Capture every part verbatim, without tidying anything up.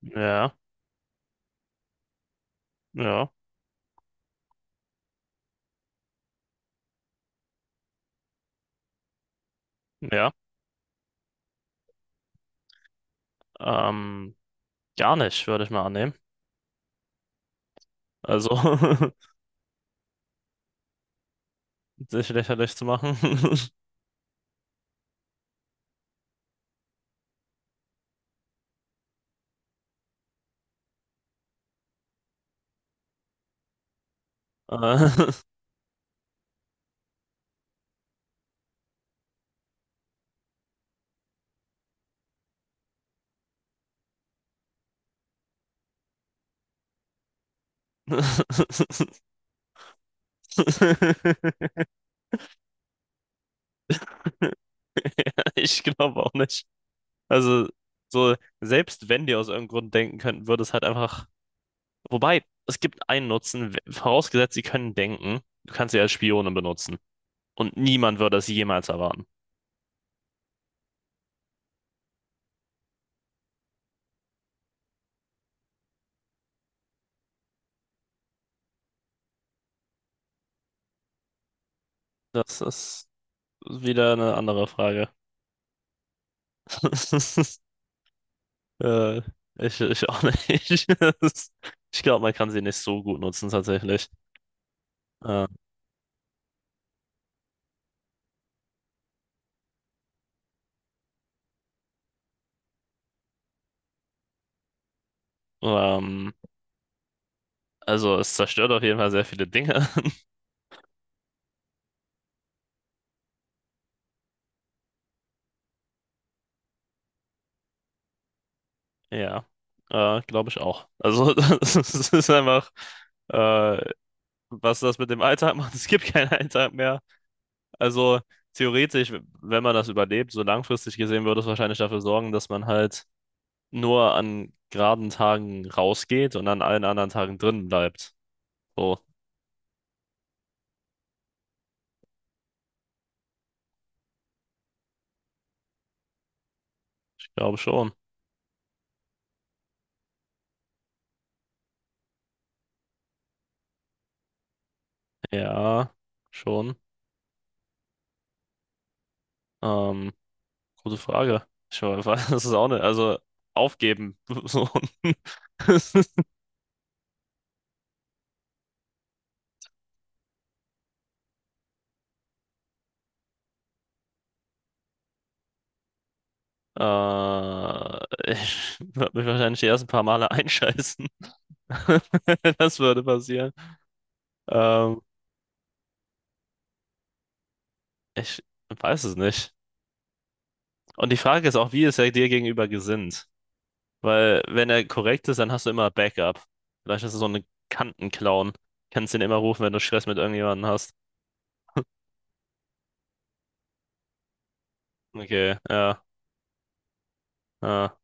Ja, ja, ja. Ähm, Gar nicht, würde ich mal annehmen. Also, sich lächerlich zu machen. Äh, Ich glaube auch nicht. Also, so, selbst wenn die aus irgendeinem Grund denken könnten, würde es halt einfach. Wobei, es gibt einen Nutzen, w- vorausgesetzt, sie können denken, du kannst sie als Spione benutzen. Und niemand würde es jemals erwarten. Das ist wieder eine andere Frage. Äh, ich, ich auch nicht. Das- Ich glaube, man kann sie nicht so gut nutzen, tatsächlich. Äh, ähm, also, es zerstört auf jeden Fall sehr viele Dinge. Ja, äh, glaube ich auch. Also, das ist ist einfach, äh, was das mit dem Alltag macht. Es gibt keinen Alltag mehr. Also, theoretisch, wenn man das überlebt, so langfristig gesehen, würde es wahrscheinlich dafür sorgen, dass man halt nur an geraden Tagen rausgeht und an allen anderen Tagen drin bleibt. So, ich glaube schon. Ja, schon. Ähm, Gute Frage. Ich we- weiß, das ist auch nicht. Also aufgeben. So. Äh, ich würde mich wahrscheinlich die ersten paar Male einscheißen. Das würde passieren. Ähm, Ich weiß es nicht. Und die Frage ist auch, wie ist er dir gegenüber gesinnt? Weil, wenn er korrekt ist, dann hast du immer Backup. Vielleicht ist er so eine Kantenclown. Kannst ihn immer rufen, wenn du Stress mit irgendjemandem hast. Okay, ja. Ja.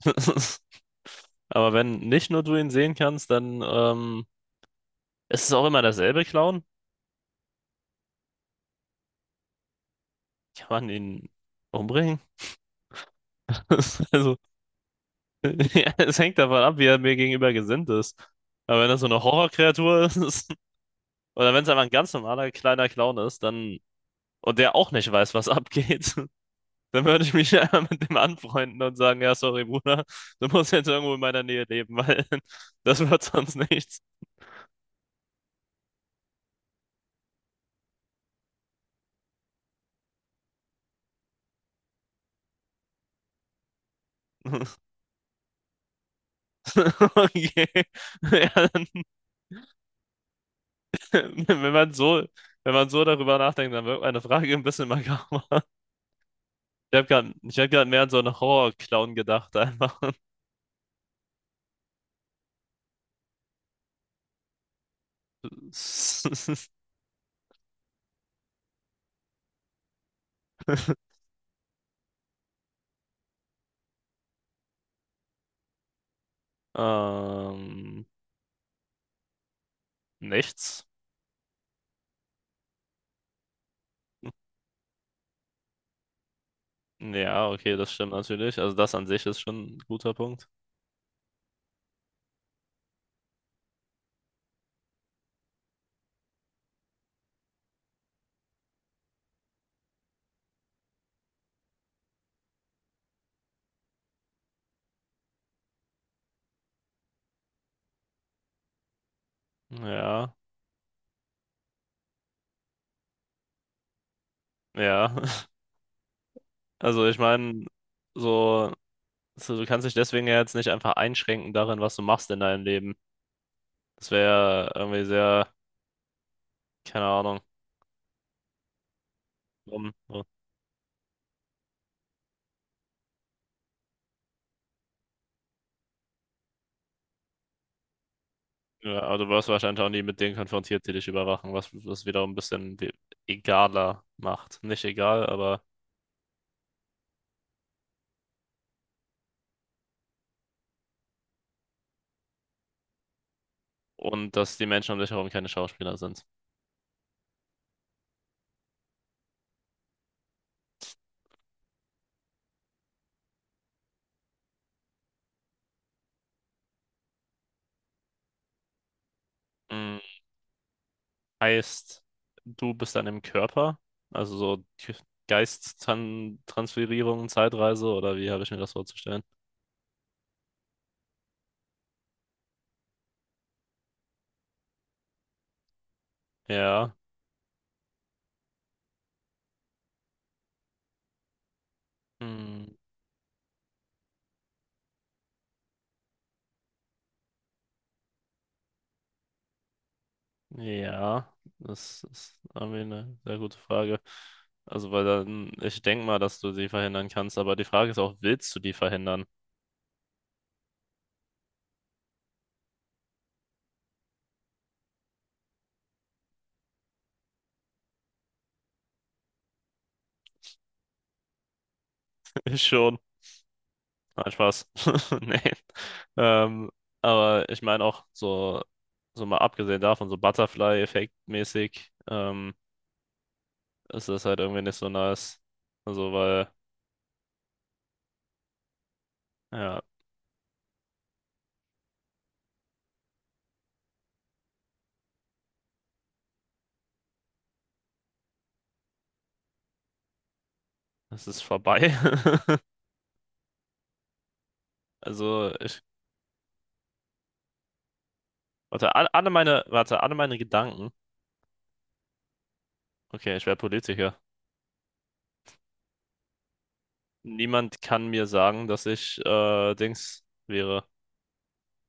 Aber wenn nicht nur du ihn sehen kannst, dann ähm, ist es auch immer dasselbe, Clown. Kann man ihn umbringen? Also, ja, es hängt davon ab, wie er mir gegenüber gesinnt ist. Aber wenn das so eine Horrorkreatur ist, oder wenn es einfach ein ganz normaler kleiner Clown ist, dann, und der auch nicht weiß, was abgeht, dann würde ich mich einfach mit dem anfreunden und sagen, ja, sorry, Bruder, du musst jetzt irgendwo in meiner Nähe leben, weil das wird sonst nichts. Okay. Ja. Wenn man so, wenn man so darüber nachdenkt, dann wird meine Frage ein bisschen makaber. Ich habe gerade, ich habe gerade mehr an so einen Horror-Clown gedacht, einfach. Ähm, Nichts. Ja, okay, das stimmt natürlich. Also das an sich ist schon ein guter Punkt. Ja, ja. Also ich meine, so, so, du kannst dich deswegen ja jetzt nicht einfach einschränken darin, was du machst in deinem Leben. Das wäre irgendwie sehr, keine Ahnung, dumm. Ja, aber du wirst wahrscheinlich auch nie mit denen konfrontiert, die dich überwachen, was das wiederum ein bisschen we- egaler macht. Nicht egal, aber. Und dass die Menschen um dich herum keine Schauspieler sind. Mm, heißt, du bist dann im Körper? Also so K- Geisttransferierung, Zeitreise oder wie habe ich mir das vorzustellen? Ja. Mm, ja, das ist irgendwie eine sehr gute Frage. Also, weil dann, ich denke mal, dass du sie verhindern kannst, aber die Frage ist auch, willst du die verhindern? Schon. Nein, Spaß. Nee. Ähm, aber ich meine auch so, so mal abgesehen davon, so Butterfly-Effekt-mäßig, ähm, ist das halt irgendwie nicht so nice. Also, weil, ja, es ist vorbei. Also, ich, warte, all- alle meine, warte, alle meine Gedanken. Okay, ich wäre Politiker. Niemand kann mir sagen, dass ich, äh, Dings wäre,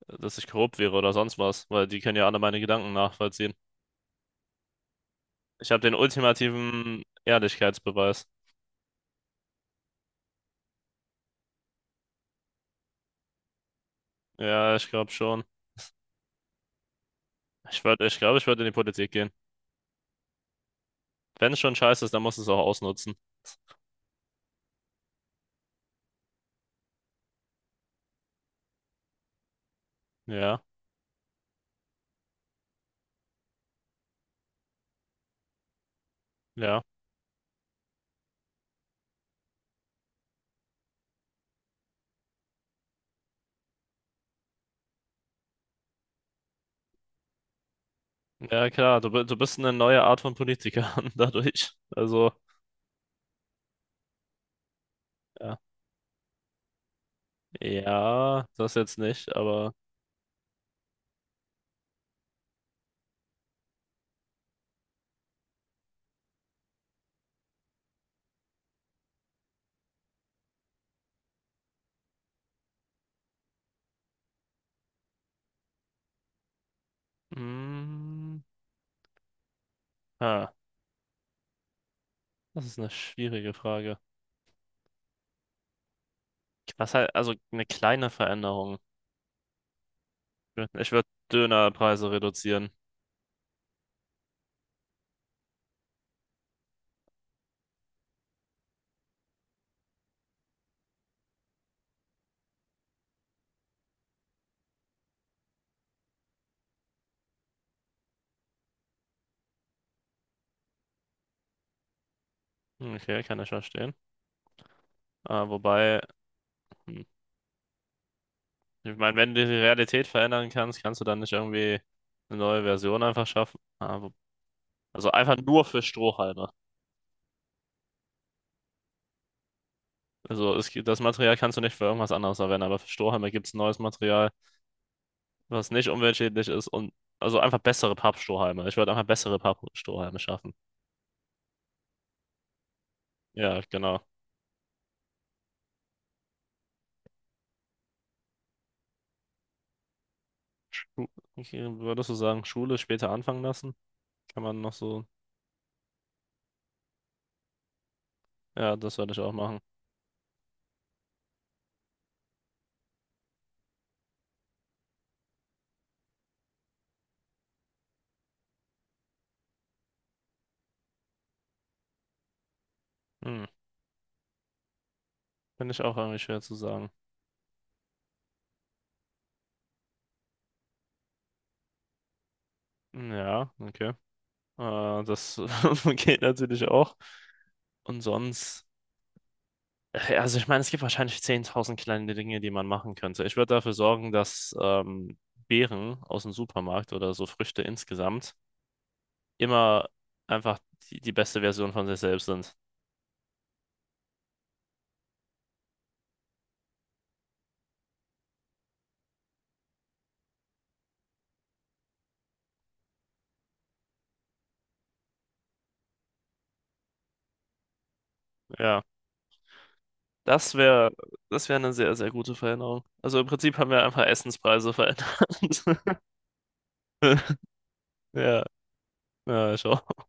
dass ich korrupt wäre oder sonst was, weil die können ja alle meine Gedanken nachvollziehen. Ich habe den ultimativen Ehrlichkeitsbeweis. Ja, ich glaube schon. Ich würde, ich glaube, ich würde in die Politik gehen. Wenn es schon scheiße ist, dann musst du es auch ausnutzen. Ja, ja, ja, klar. Du, bi- du bist eine neue Art von Politiker dadurch. Also, ja, ja, das jetzt nicht, aber, mm, ah, das ist eine schwierige Frage. Was halt, also eine kleine Veränderung. Ich würde Dönerpreise reduzieren. Okay, kann ich verstehen. Ah, wobei, hm, ich meine, wenn du die Realität verändern kannst, kannst du dann nicht irgendwie eine neue Version einfach schaffen. Aber, also einfach nur für Strohhalme. Also es, gibt- das Material kannst du nicht für irgendwas anderes verwenden, aber für Strohhalme gibt es neues Material, was nicht umweltschädlich ist und also einfach bessere Pappstrohhalme. Ich würde einfach bessere Pappstrohhalme schaffen. Ja, genau. Schu- Okay, würdest du sagen, Schule später anfangen lassen? Kann man noch so. Ja, das würde ich auch machen. Hm, finde ich auch irgendwie schwer zu sagen. Hm. Ja, okay. Äh, das geht natürlich auch. Und sonst, äh, also ich meine, es gibt wahrscheinlich zehntausend kleine Dinge, die man machen könnte. Ich würde dafür sorgen, dass ähm, Beeren aus dem Supermarkt oder so Früchte insgesamt immer einfach die, die beste Version von sich selbst sind. Ja, das wäre, das wäre eine sehr, sehr gute Veränderung. Also im Prinzip haben wir einfach Essenspreise verändert. Ja, ja, schon.